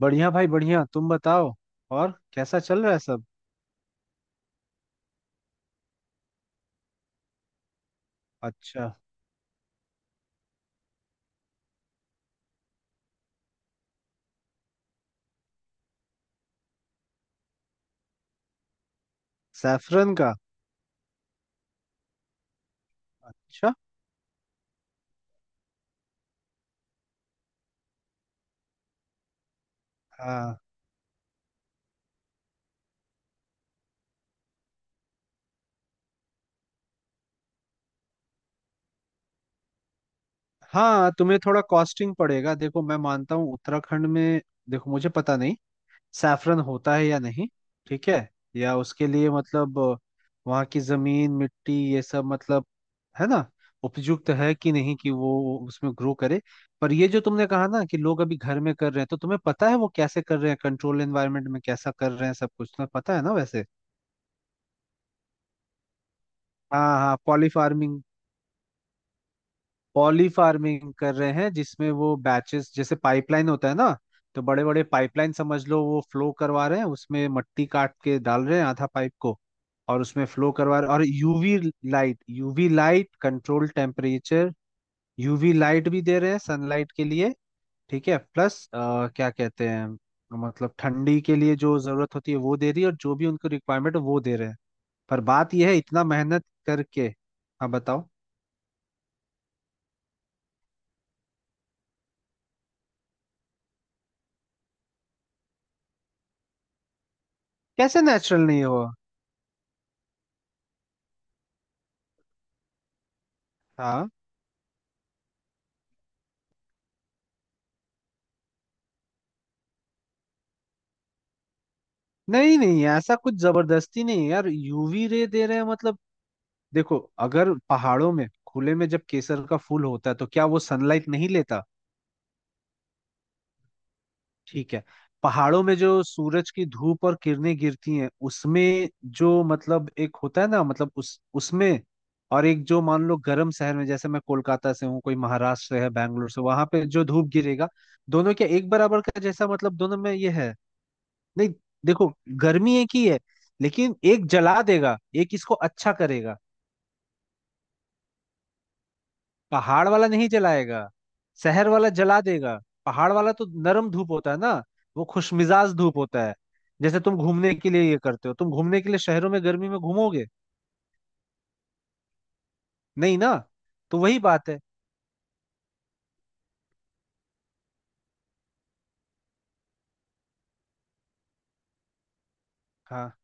बढ़िया भाई बढ़िया। तुम बताओ, और कैसा चल रहा है सब? अच्छा, सैफरन का? अच्छा। हाँ हाँ, तुम्हें थोड़ा कॉस्टिंग पड़ेगा। देखो, मैं मानता हूँ उत्तराखंड में, देखो मुझे पता नहीं सैफरन होता है या नहीं। ठीक है, या उसके लिए मतलब वहाँ की जमीन मिट्टी ये सब मतलब, है ना, उपयुक्त है कि नहीं कि वो उसमें ग्रो करे। पर ये जो तुमने कहा ना कि लोग अभी घर में कर रहे हैं, तो तुम्हें पता है वो कैसे कर रहे हैं, कंट्रोल एनवायरनमेंट में कैसा कर रहे हैं, सब कुछ तुम्हें पता है ना वैसे? हाँ हाँ, पॉली फार्मिंग। पॉली फार्मिंग कर रहे हैं जिसमें वो बैचेस जैसे पाइपलाइन होता है ना, तो बड़े बड़े पाइपलाइन समझ लो, वो फ्लो करवा रहे हैं उसमें, मट्टी काट के डाल रहे हैं आधा पाइप को और उसमें फ्लो करवा रहे हैं, और UV light, UV light, control temperature. UV light भी दे रहे हैं सनलाइट के लिए। ठीक है, प्लस क्या कहते हैं, मतलब ठंडी के लिए जो जरूरत होती है वो दे रही है, और जो भी उनको रिक्वायरमेंट वो दे रहे हैं। पर बात यह है, इतना मेहनत करके। हाँ बताओ। कैसे नेचुरल नहीं हो? हाँ, नहीं नहीं, ऐसा कुछ जबरदस्ती नहीं है यार, यूवी रे दे रहे हैं मतलब। देखो, अगर पहाड़ों में खुले में जब केसर का फूल होता है, तो क्या वो सनलाइट नहीं लेता? ठीक है। पहाड़ों में जो सूरज की धूप और किरणें गिरती हैं, उसमें जो मतलब एक होता है ना, मतलब उस उसमें, और एक जो मान लो गर्म शहर में, जैसे मैं कोलकाता से हूँ, कोई महाराष्ट्र से है, बैंगलोर से, वहां पे जो धूप गिरेगा। दोनों क्या एक बराबर का जैसा, मतलब दोनों में ये है? नहीं। देखो, गर्मी एक ही है, लेकिन एक जला देगा, एक इसको अच्छा करेगा। पहाड़ वाला नहीं जलाएगा, शहर वाला जला देगा। पहाड़ वाला तो नरम धूप होता है ना, वो खुशमिजाज धूप होता है। जैसे तुम घूमने के लिए ये करते हो, तुम घूमने के लिए शहरों में गर्मी में घूमोगे? नहीं ना, तो वही बात है। हाँ,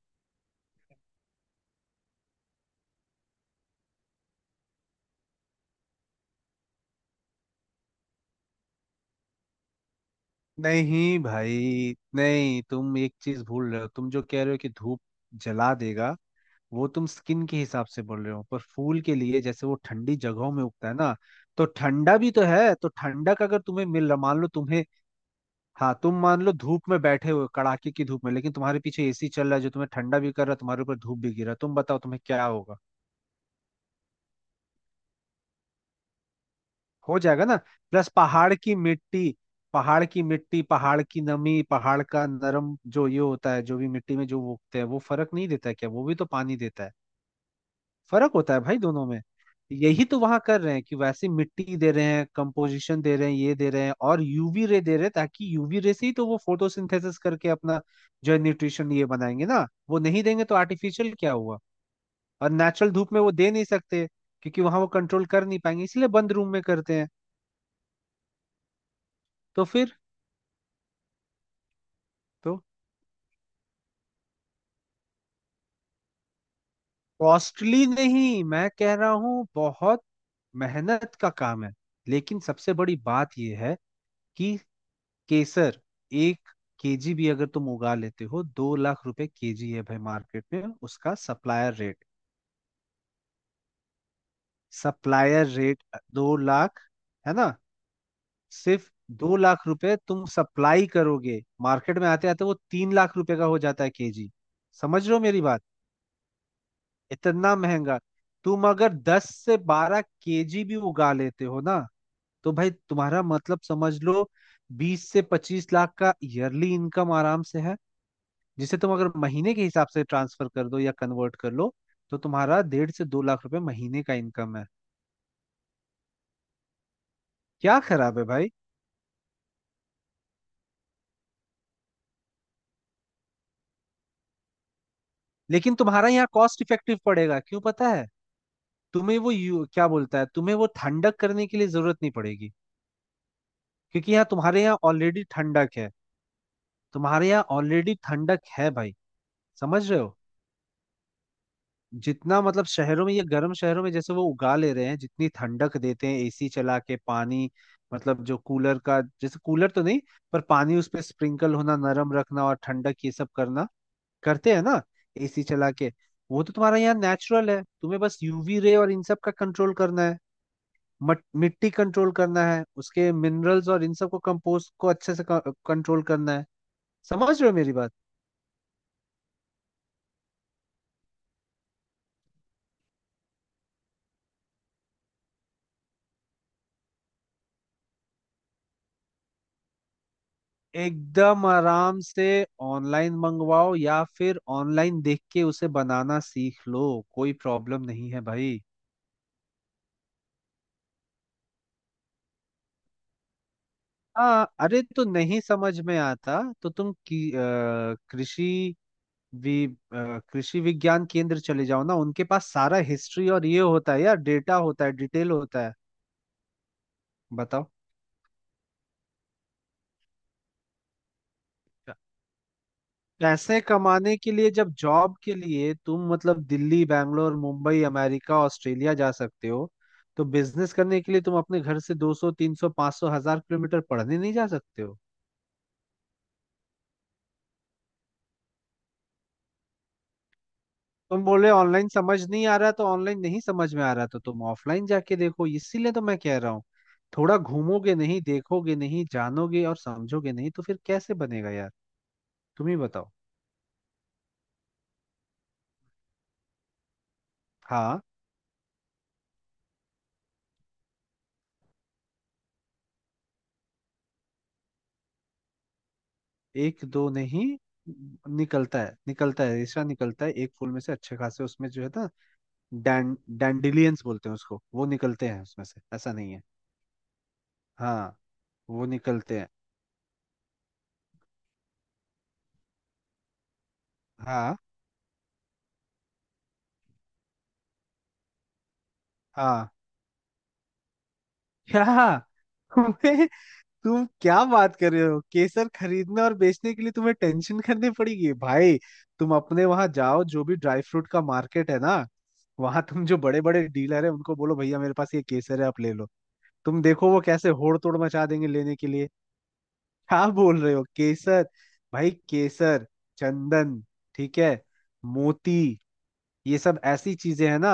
नहीं भाई नहीं, तुम एक चीज भूल रहे हो। तुम जो कह रहे हो कि धूप जला देगा, वो तुम स्किन के हिसाब से बोल रहे हो, पर फूल के लिए जैसे वो ठंडी जगहों में उगता है ना, तो ठंडा भी तो है। तो ठंडा का अगर तुम्हें मिल रहा, मान लो तुम्हें, हाँ, तुम मान लो धूप में बैठे हुए हो, कड़ाके की धूप में, लेकिन तुम्हारे पीछे एसी चल रहा है जो तुम्हें ठंडा भी कर रहा है, तुम्हारे ऊपर धूप भी गिर रहा है, तुम बताओ तुम्हें क्या होगा? हो जाएगा ना। प्लस पहाड़ की मिट्टी, पहाड़ की मिट्टी, पहाड़ की नमी, पहाड़ का नरम जो ये होता है, जो भी मिट्टी में, जो वो उगते हैं, वो फर्क नहीं देता है क्या? वो भी तो पानी देता है। फर्क होता है भाई दोनों में। यही तो वहां कर रहे हैं कि वैसे मिट्टी दे रहे हैं, कंपोजिशन दे रहे हैं, ये दे रहे हैं और यूवी रे दे रहे हैं, ताकि यूवी रे से ही तो वो फोटोसिंथेसिस करके अपना जो है न्यूट्रिशन ये बनाएंगे ना, वो नहीं देंगे तो आर्टिफिशियल क्या हुआ? और नेचुरल धूप में वो दे नहीं सकते, क्योंकि वहां वो कंट्रोल कर नहीं पाएंगे, इसलिए बंद रूम में करते हैं। तो फिर, तो कॉस्टली नहीं, मैं कह रहा हूँ बहुत मेहनत का काम है। लेकिन सबसे बड़ी बात यह है कि केसर एक केजी भी अगर तुम उगा लेते हो, दो लाख रुपए केजी है भाई मार्केट में उसका सप्लायर रेट। सप्लायर रेट दो लाख, है ना? सिर्फ दो लाख रुपए तुम सप्लाई करोगे, मार्केट में आते आते वो तीन लाख रुपए का हो जाता है केजी। समझ रहे हो मेरी बात? इतना महंगा। तुम अगर दस से बारह केजी भी उगा लेते हो ना, तो भाई तुम्हारा मतलब समझ लो बीस से पच्चीस लाख का ईयरली इनकम आराम से है। जिसे तुम अगर महीने के हिसाब से ट्रांसफर कर दो या कन्वर्ट कर लो, तो तुम्हारा डेढ़ से दो लाख रुपए महीने का इनकम है। क्या खराब है भाई? लेकिन तुम्हारा यहाँ कॉस्ट इफेक्टिव पड़ेगा, क्यों पता है? तुम्हें वो क्या बोलता है, तुम्हें वो ठंडक करने के लिए जरूरत नहीं पड़ेगी, क्योंकि यहाँ तुम्हारे यहाँ ऑलरेडी ठंडक है। तुम्हारे यहाँ ऑलरेडी ठंडक है भाई। समझ रहे हो? जितना मतलब शहरों में, ये गर्म शहरों में, जैसे वो उगा ले रहे हैं, जितनी ठंडक देते हैं एसी चला के, पानी मतलब जो कूलर का जैसे, कूलर तो नहीं पर पानी उस पे स्प्रिंकल होना, नरम रखना और ठंडक ये सब करना, करते हैं ना एसी चला के। वो तो तुम्हारा यहाँ नेचुरल है, तुम्हें बस यूवी रे और इन सब का कंट्रोल करना है। मिट्टी कंट्रोल करना है, उसके मिनरल्स और इन सब को, कंपोस्ट को अच्छे से कंट्रोल करना है। समझ रहे हो मेरी बात? एकदम आराम से ऑनलाइन मंगवाओ, या फिर ऑनलाइन देख के उसे बनाना सीख लो, कोई प्रॉब्लम नहीं है भाई। हाँ, अरे तो नहीं समझ में आता तो तुम की, अ, कृषि वि, अ, कृषि विज्ञान केंद्र चले जाओ ना, उनके पास सारा हिस्ट्री और ये होता है यार, डेटा होता है, डिटेल होता है। बताओ, पैसे कमाने के लिए, जब जॉब के लिए तुम मतलब दिल्ली, बैंगलोर, मुंबई, अमेरिका, ऑस्ट्रेलिया जा सकते हो, तो बिजनेस करने के लिए तुम अपने घर से 200 300 500 हजार किलोमीटर पढ़ने नहीं जा सकते हो? तुम बोले ऑनलाइन समझ नहीं आ रहा, तो ऑनलाइन नहीं समझ में आ रहा तो तुम ऑफलाइन जाके देखो, इसीलिए तो मैं कह रहा हूँ। थोड़ा घूमोगे नहीं, देखोगे नहीं, जानोगे और समझोगे नहीं, तो फिर कैसे बनेगा यार? तुम ही बताओ। हाँ, एक दो नहीं, निकलता है, निकलता है, रेशा निकलता है एक फूल में से अच्छे खासे, उसमें जो है ना, डैं डैंडिलियंस बोलते हैं उसको, वो निकलते हैं उसमें से, ऐसा नहीं है। हाँ, वो निकलते हैं। हाँ हाँ, क्या तुम्हें, तुम क्या बात कर रहे हो? केसर खरीदने और बेचने के लिए तुम्हें टेंशन करनी पड़ेगी भाई? तुम अपने वहां जाओ, जो भी ड्राई फ्रूट का मार्केट है ना, वहां तुम जो बड़े बड़े डीलर है उनको बोलो, भैया मेरे पास ये केसर है, आप ले लो। तुम देखो वो कैसे होड़ तोड़ मचा देंगे लेने के लिए। क्या बोल रहे हो, केसर! भाई केसर, चंदन, ठीक है, मोती, ये सब ऐसी चीजें हैं ना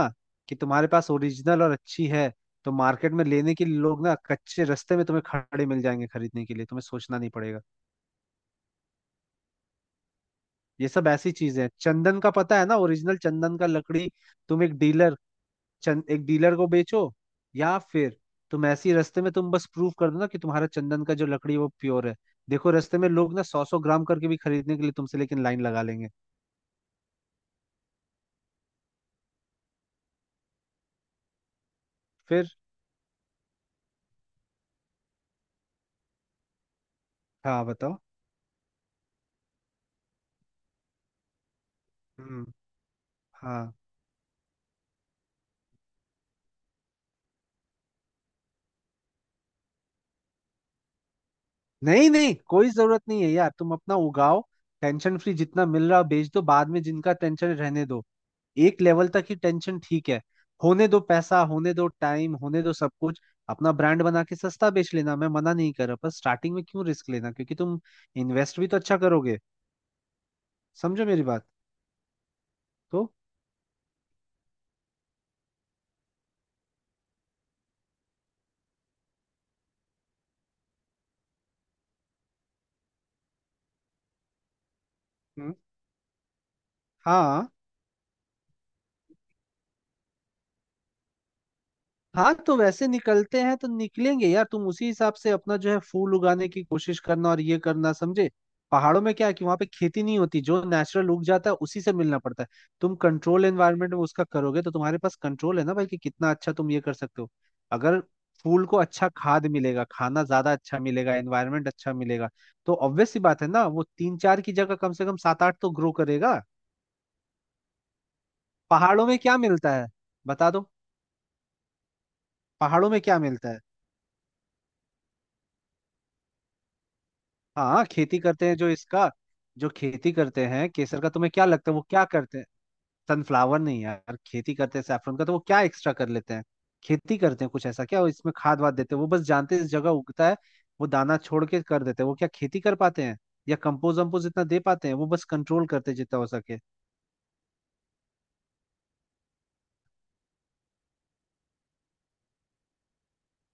कि तुम्हारे पास ओरिजिनल और अच्छी है, तो मार्केट में लेने के लिए लोग ना कच्चे रास्ते में तुम्हें खड़े मिल जाएंगे खरीदने के लिए, तुम्हें सोचना नहीं पड़ेगा। ये सब ऐसी चीजें हैं, चंदन का पता है ना, ओरिजिनल चंदन का लकड़ी। तुम एक डीलर, चंद एक डीलर को बेचो, या फिर तुम ऐसी रास्ते में तुम बस प्रूव कर दो ना कि तुम्हारा चंदन का जो लकड़ी है वो प्योर है, देखो रास्ते में लोग ना सौ सौ ग्राम करके भी खरीदने के लिए तुमसे लेकिन लाइन लगा लेंगे। फिर? हाँ बताओ। हम्म, हाँ, नहीं नहीं, कोई जरूरत नहीं है यार, तुम अपना उगाओ। टेंशन फ्री जितना मिल रहा बेच दो, बाद में जिनका टेंशन रहने दो। एक लेवल तक ही टेंशन ठीक है, होने दो पैसा, होने दो टाइम, होने दो सब कुछ। अपना ब्रांड बना के सस्ता बेच लेना, मैं मना नहीं कर रहा, पर स्टार्टिंग में क्यों रिस्क लेना, क्योंकि तुम इन्वेस्ट भी तो अच्छा करोगे। समझो मेरी बात। तो हम्म हाँ हाँ, तो वैसे निकलते हैं तो निकलेंगे यार, तुम उसी हिसाब से अपना जो है फूल उगाने की कोशिश करना और ये करना, समझे? पहाड़ों में क्या है कि वहां पे खेती नहीं होती, जो नेचुरल उग जाता है उसी से मिलना पड़ता है। तुम कंट्रोल एनवायरनमेंट में उसका करोगे, तो तुम्हारे पास कंट्रोल है ना भाई कि कितना अच्छा तुम ये कर सकते हो। अगर फूल को अच्छा खाद मिलेगा, खाना ज्यादा अच्छा मिलेगा, एनवायरनमेंट अच्छा मिलेगा, तो ऑब्वियस सी बात है ना, वो तीन चार की जगह कम से कम सात आठ तो ग्रो करेगा। पहाड़ों में क्या मिलता है, बता दो? पहाड़ों में क्या मिलता है? हाँ, खेती करते हैं जो इसका, जो खेती करते हैं केसर का, तुम्हें क्या लगता है वो क्या करते हैं? सनफ्लावर नहीं यार, खेती करते हैं सैफरन का, तो वो क्या एक्स्ट्रा कर लेते हैं? खेती करते हैं कुछ ऐसा क्या? वो इसमें खाद वाद देते हैं? वो बस जानते हैं इस जगह उगता है, वो दाना छोड़ के कर देते हैं, वो क्या खेती कर पाते हैं, या कंपोज वम्पोज इतना दे पाते हैं? वो बस कंट्रोल करते हैं जितना हो सके।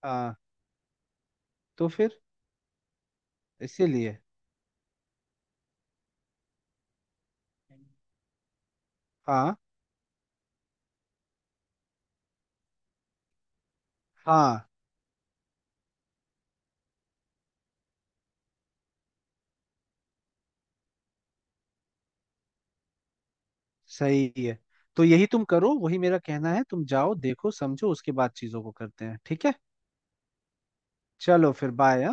हाँ, तो फिर इसीलिए। हाँ हाँ, सही है। तो यही तुम करो, वही मेरा कहना है, तुम जाओ, देखो, समझो, उसके बाद चीजों को करते हैं। ठीक है, चलो फिर, बाय।